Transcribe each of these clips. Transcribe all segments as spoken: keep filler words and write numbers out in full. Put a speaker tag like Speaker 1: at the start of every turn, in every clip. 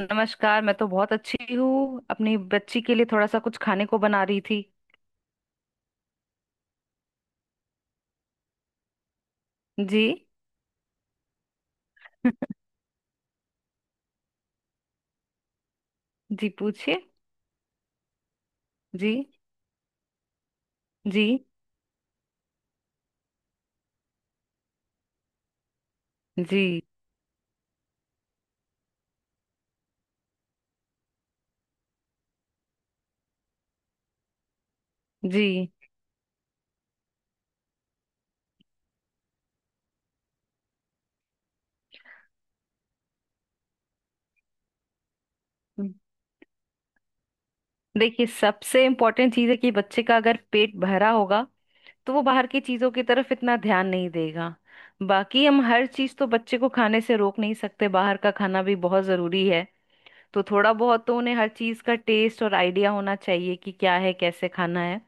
Speaker 1: नमस्कार। मैं तो बहुत अच्छी हूँ, अपनी बच्ची के लिए थोड़ा सा कुछ खाने को बना रही थी। जी। जी, पूछिए। जी। जी। जी। जी। देखिए, सबसे इम्पोर्टेंट चीज़ है कि बच्चे का अगर पेट भरा होगा तो वो बाहर की चीज़ों की तरफ इतना ध्यान नहीं देगा। बाकी हम हर चीज़ तो बच्चे को खाने से रोक नहीं सकते, बाहर का खाना भी बहुत ज़रूरी है। तो थोड़ा बहुत तो उन्हें हर चीज़ का टेस्ट और आइडिया होना चाहिए कि क्या है, कैसे खाना है।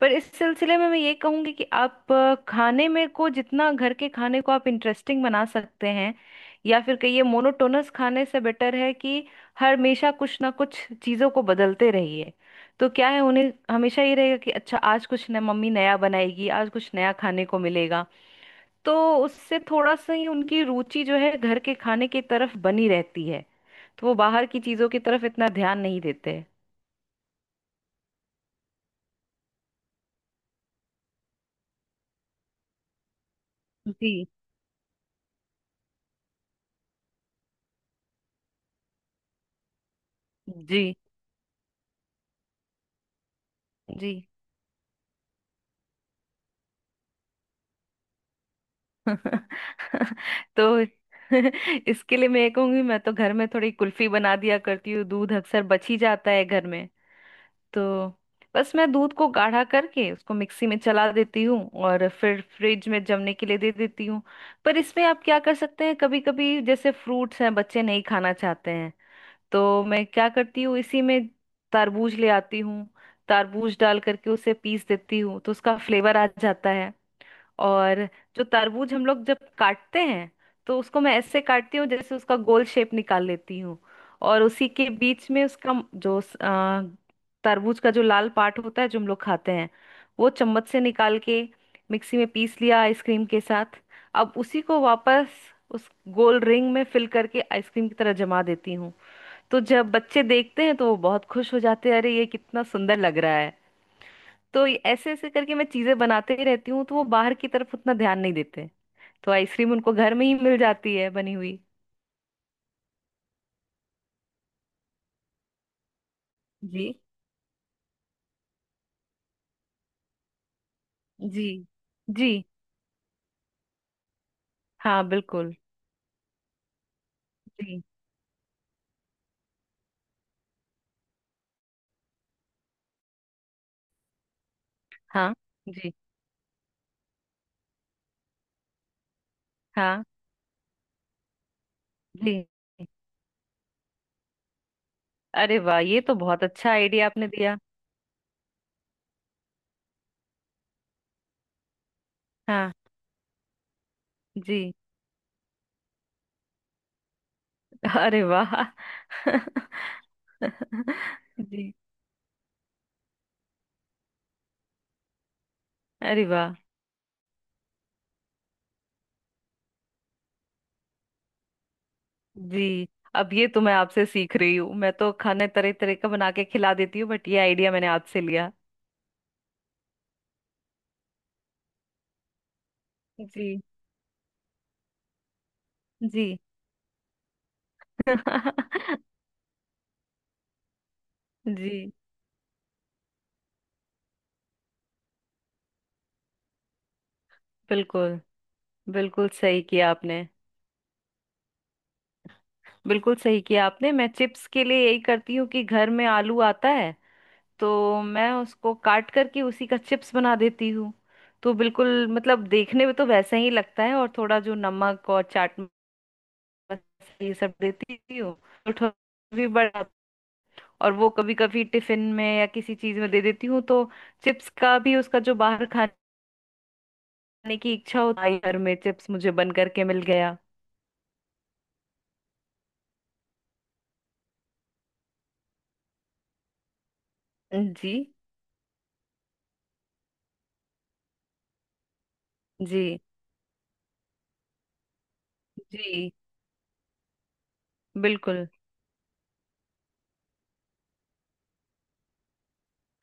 Speaker 1: पर इस सिलसिले में मैं ये कहूंगी कि आप अ, खाने में को जितना घर के खाने को आप इंटरेस्टिंग बना सकते हैं या फिर कहिए मोनोटोनस खाने से बेटर है कि हर हमेशा कुछ ना कुछ चीज़ों को बदलते रहिए। तो क्या है, उन्हें हमेशा ये रहेगा कि अच्छा आज कुछ न मम्मी नया बनाएगी, आज कुछ नया खाने को मिलेगा। तो उससे थोड़ा सा ही उनकी रुचि जो है घर के खाने की तरफ बनी रहती है। तो वो बाहर की चीज़ों की तरफ इतना ध्यान नहीं देते। जी। जी। जी। तो इसके लिए मैं ये कहूंगी, मैं तो घर में थोड़ी कुल्फी बना दिया करती हूँ, दूध अक्सर बच ही जाता है घर में। तो बस मैं दूध को गाढ़ा करके उसको मिक्सी में चला देती हूँ और फिर फ्रिज में जमने के लिए दे देती हूँ। पर इसमें आप क्या कर सकते हैं, कभी कभी जैसे फ्रूट्स हैं बच्चे नहीं खाना चाहते हैं, तो मैं क्या करती हूँ इसी में तरबूज ले आती हूँ। तरबूज डाल करके उसे पीस देती हूँ तो उसका फ्लेवर आ जाता। और जो तरबूज हम लोग जब काटते हैं तो उसको मैं ऐसे काटती हूँ जैसे उसका गोल शेप निकाल लेती हूँ। और उसी के बीच में उसका म- जो स- अ, तरबूज का जो लाल पार्ट होता है जो हम लोग खाते हैं वो चम्मच से निकाल के मिक्सी में पीस लिया आइसक्रीम के साथ। अब उसी को वापस उस गोल रिंग में फिल करके आइसक्रीम की तरह जमा देती हूँ। तो जब बच्चे देखते हैं तो वो बहुत खुश हो जाते हैं, अरे ये कितना सुंदर लग रहा है। तो ये ऐसे ऐसे करके मैं चीजें बनाते ही रहती हूँ तो वो बाहर की तरफ उतना ध्यान नहीं देते। तो आइसक्रीम उनको घर में ही मिल जाती है बनी हुई। जी। जी। जी। हाँ, बिल्कुल। जी। हाँ। जी। हाँ। जी। अरे वाह, ये तो बहुत अच्छा आइडिया आपने दिया। हाँ। जी। अरे वाह। जी। अरे वाह। जी, अब ये तो मैं आपसे सीख रही हूँ, मैं तो खाने तरह तरह का बना के खिला देती हूँ बट ये आइडिया मैंने आपसे लिया। जी। जी। जी, बिल्कुल। बिल्कुल सही किया आपने। बिल्कुल सही किया आपने, मैं चिप्स के लिए यही करती हूँ कि घर में आलू आता है तो मैं उसको काट करके उसी का चिप्स बना देती हूँ। तो बिल्कुल मतलब देखने में तो वैसा ही लगता है और थोड़ा जो नमक और चाट मसाला ये सब देती हूँ। तो थोड़ा भी बड़ा और वो कभी कभी टिफिन में या किसी चीज में दे देती हूँ तो चिप्स का भी उसका जो बाहर खाने की इच्छा होती है घर में चिप्स मुझे बन करके मिल गया। जी। जी। जी, बिल्कुल।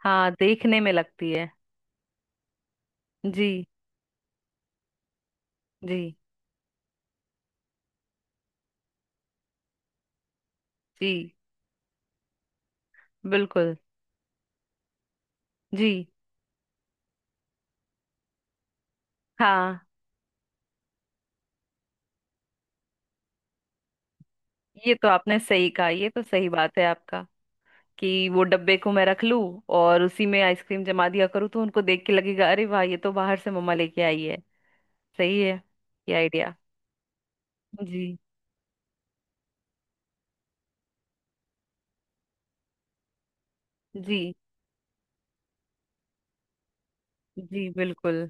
Speaker 1: हाँ, देखने में लगती है। जी। जी। जी, बिल्कुल। जी। हाँ, ये तो आपने सही कहा, ये तो सही बात है आपका, कि वो डब्बे को मैं रख लूं और उसी में आइसक्रीम जमा दिया करूँ तो उनको देख के लगेगा अरे वाह ये तो बाहर से मम्मा लेके आई है। सही है ये आइडिया। जी। जी। जी, बिल्कुल।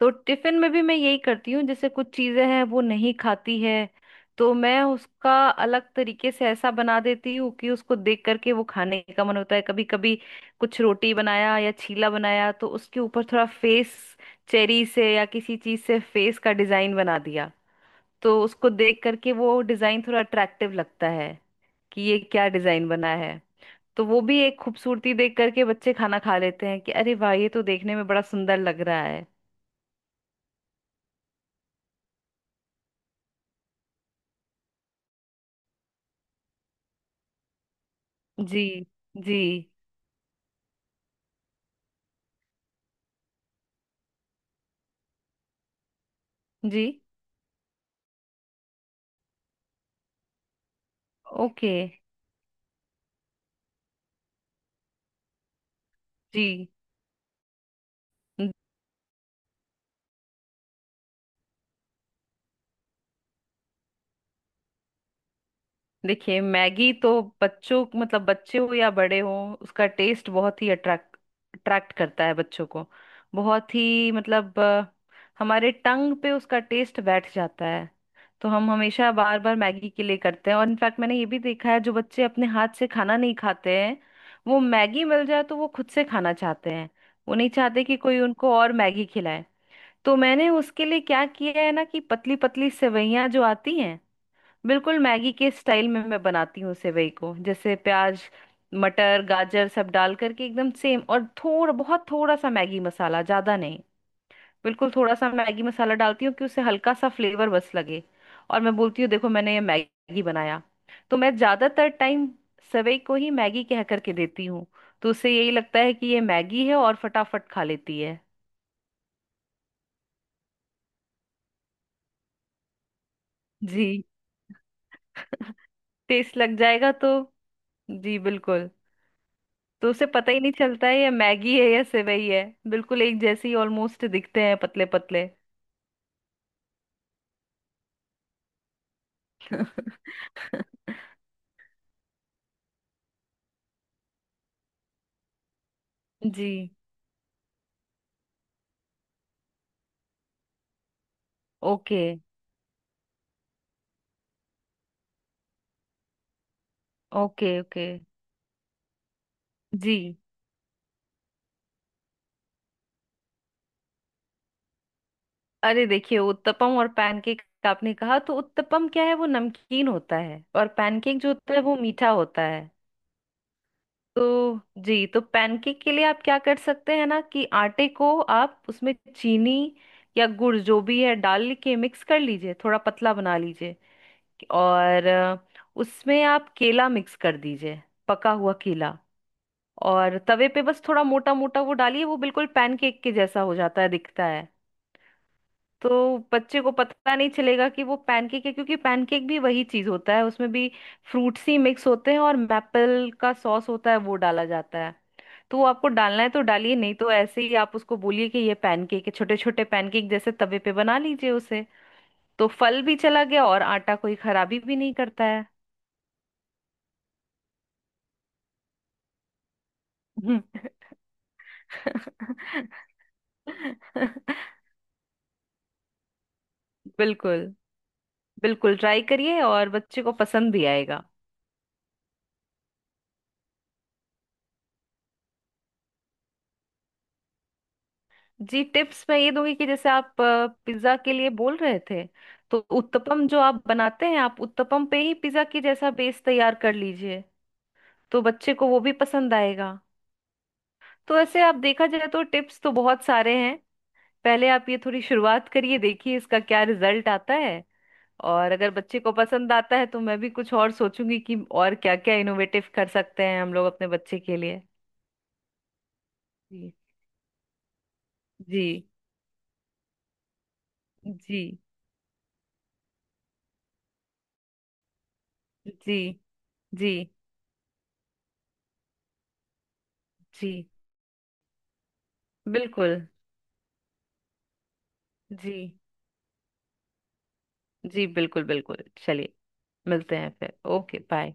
Speaker 1: तो टिफिन में भी मैं यही करती हूँ, जैसे कुछ चीजें हैं वो नहीं खाती है तो मैं उसका अलग तरीके से ऐसा बना देती हूँ कि उसको देख करके वो खाने का मन होता है। कभी कभी कुछ रोटी बनाया या चीला बनाया तो उसके ऊपर थोड़ा फेस, चेरी से या किसी चीज से फेस का डिजाइन बना दिया, तो उसको देख करके वो डिजाइन थोड़ा अट्रैक्टिव लगता है कि ये क्या डिजाइन बना है। तो वो भी एक खूबसूरती देख करके बच्चे खाना खा लेते हैं कि अरे वाह ये तो देखने में बड़ा सुंदर लग रहा है। जी। जी। जी। ओके। जी। न- देखिए, मैगी तो बच्चों मतलब बच्चे हो या बड़े हो उसका टेस्ट बहुत ही अट्रैक्ट अट्रैक्ट करता है बच्चों को। बहुत ही मतलब अ, हमारे टंग पे उसका टेस्ट बैठ जाता है। तो हम हमेशा बार बार मैगी के लिए करते हैं और इनफैक्ट मैंने ये भी देखा है जो बच्चे अपने हाथ से खाना नहीं खाते हैं वो मैगी मिल जाए तो वो खुद से खाना चाहते हैं। वो नहीं चाहते कि कोई उनको और मैगी खिलाए। तो मैंने उसके लिए क्या किया है ना कि पतली पतली सेवइयां जो आती हैं बिल्कुल मैगी के स्टाइल में मैं बनाती हूँ सेवई को, जैसे प्याज मटर गाजर सब डाल करके एकदम सेम, और थोड़ा बहुत थोड़ा सा मैगी मसाला, ज्यादा नहीं, बिल्कुल थोड़ा सा मैगी मसाला डालती हूँ कि उससे हल्का सा फ्लेवर बस लगे। और मैं बोलती हूँ देखो मैंने ये मैगी बनाया। तो मैं ज्यादातर टाइम सेवई को ही मैगी कह करके देती हूँ। तो उससे यही लगता है कि ये मैगी है और फटाफट खा लेती है। जी। टेस्ट लग जाएगा तो। जी, बिल्कुल। तो उसे पता ही नहीं चलता है ये मैगी है या सेवई है। बिल्कुल एक जैसे ही ऑलमोस्ट दिखते हैं पतले पतले। जी। Okay okay. ओके। जी। अरे देखिए, उत्तपम और पैनकेक आपने कहा, तो उत्तपम क्या है वो नमकीन होता है और पैनकेक जो होता है वो मीठा होता है। तो जी, तो पैनकेक के लिए आप क्या कर सकते हैं ना कि आटे को आप उसमें चीनी या गुड़ जो भी है डाल के मिक्स कर लीजिए, थोड़ा पतला बना लीजिए और अ, उसमें आप केला मिक्स कर दीजिए, पका हुआ केला, और तवे पे बस थोड़ा मोटा मोटा वो डालिए, वो बिल्कुल पैनकेक के जैसा हो जाता है, दिखता है। तो बच्चे को पता नहीं चलेगा कि वो पैनकेक है, क्योंकि पैनकेक भी वही चीज होता है, उसमें भी फ्रूट्स ही मिक्स होते हैं और मैपल का सॉस होता है वो डाला जाता है। तो वो आपको डालना है तो डालिए नहीं तो ऐसे ही आप उसको बोलिए कि ये पैनकेक है, छोटे छोटे पैनकेक जैसे तवे पे बना लीजिए उसे। तो फल भी चला गया और आटा कोई खराबी भी नहीं करता है। बिल्कुल। बिल्कुल ट्राई करिए और बच्चे को पसंद भी आएगा। जी, टिप्स मैं ये दूंगी कि जैसे आप पिज्जा के लिए बोल रहे थे, तो उत्तपम जो आप बनाते हैं आप उत्तपम पे ही पिज्जा की जैसा बेस तैयार कर लीजिए। तो बच्चे को वो भी पसंद आएगा। तो ऐसे आप देखा जाए तो टिप्स तो बहुत सारे हैं। पहले आप ये थोड़ी शुरुआत करिए, देखिए इसका क्या रिजल्ट आता है, और अगर बच्चे को पसंद आता है तो मैं भी कुछ और सोचूंगी कि और क्या क्या इनोवेटिव कर सकते हैं हम लोग अपने बच्चे के लिए। जी। जी। जी। जी। जी। जी, बिल्कुल। जी। जी, बिल्कुल बिल्कुल चलिए। मिलते हैं फिर, ओके बाय।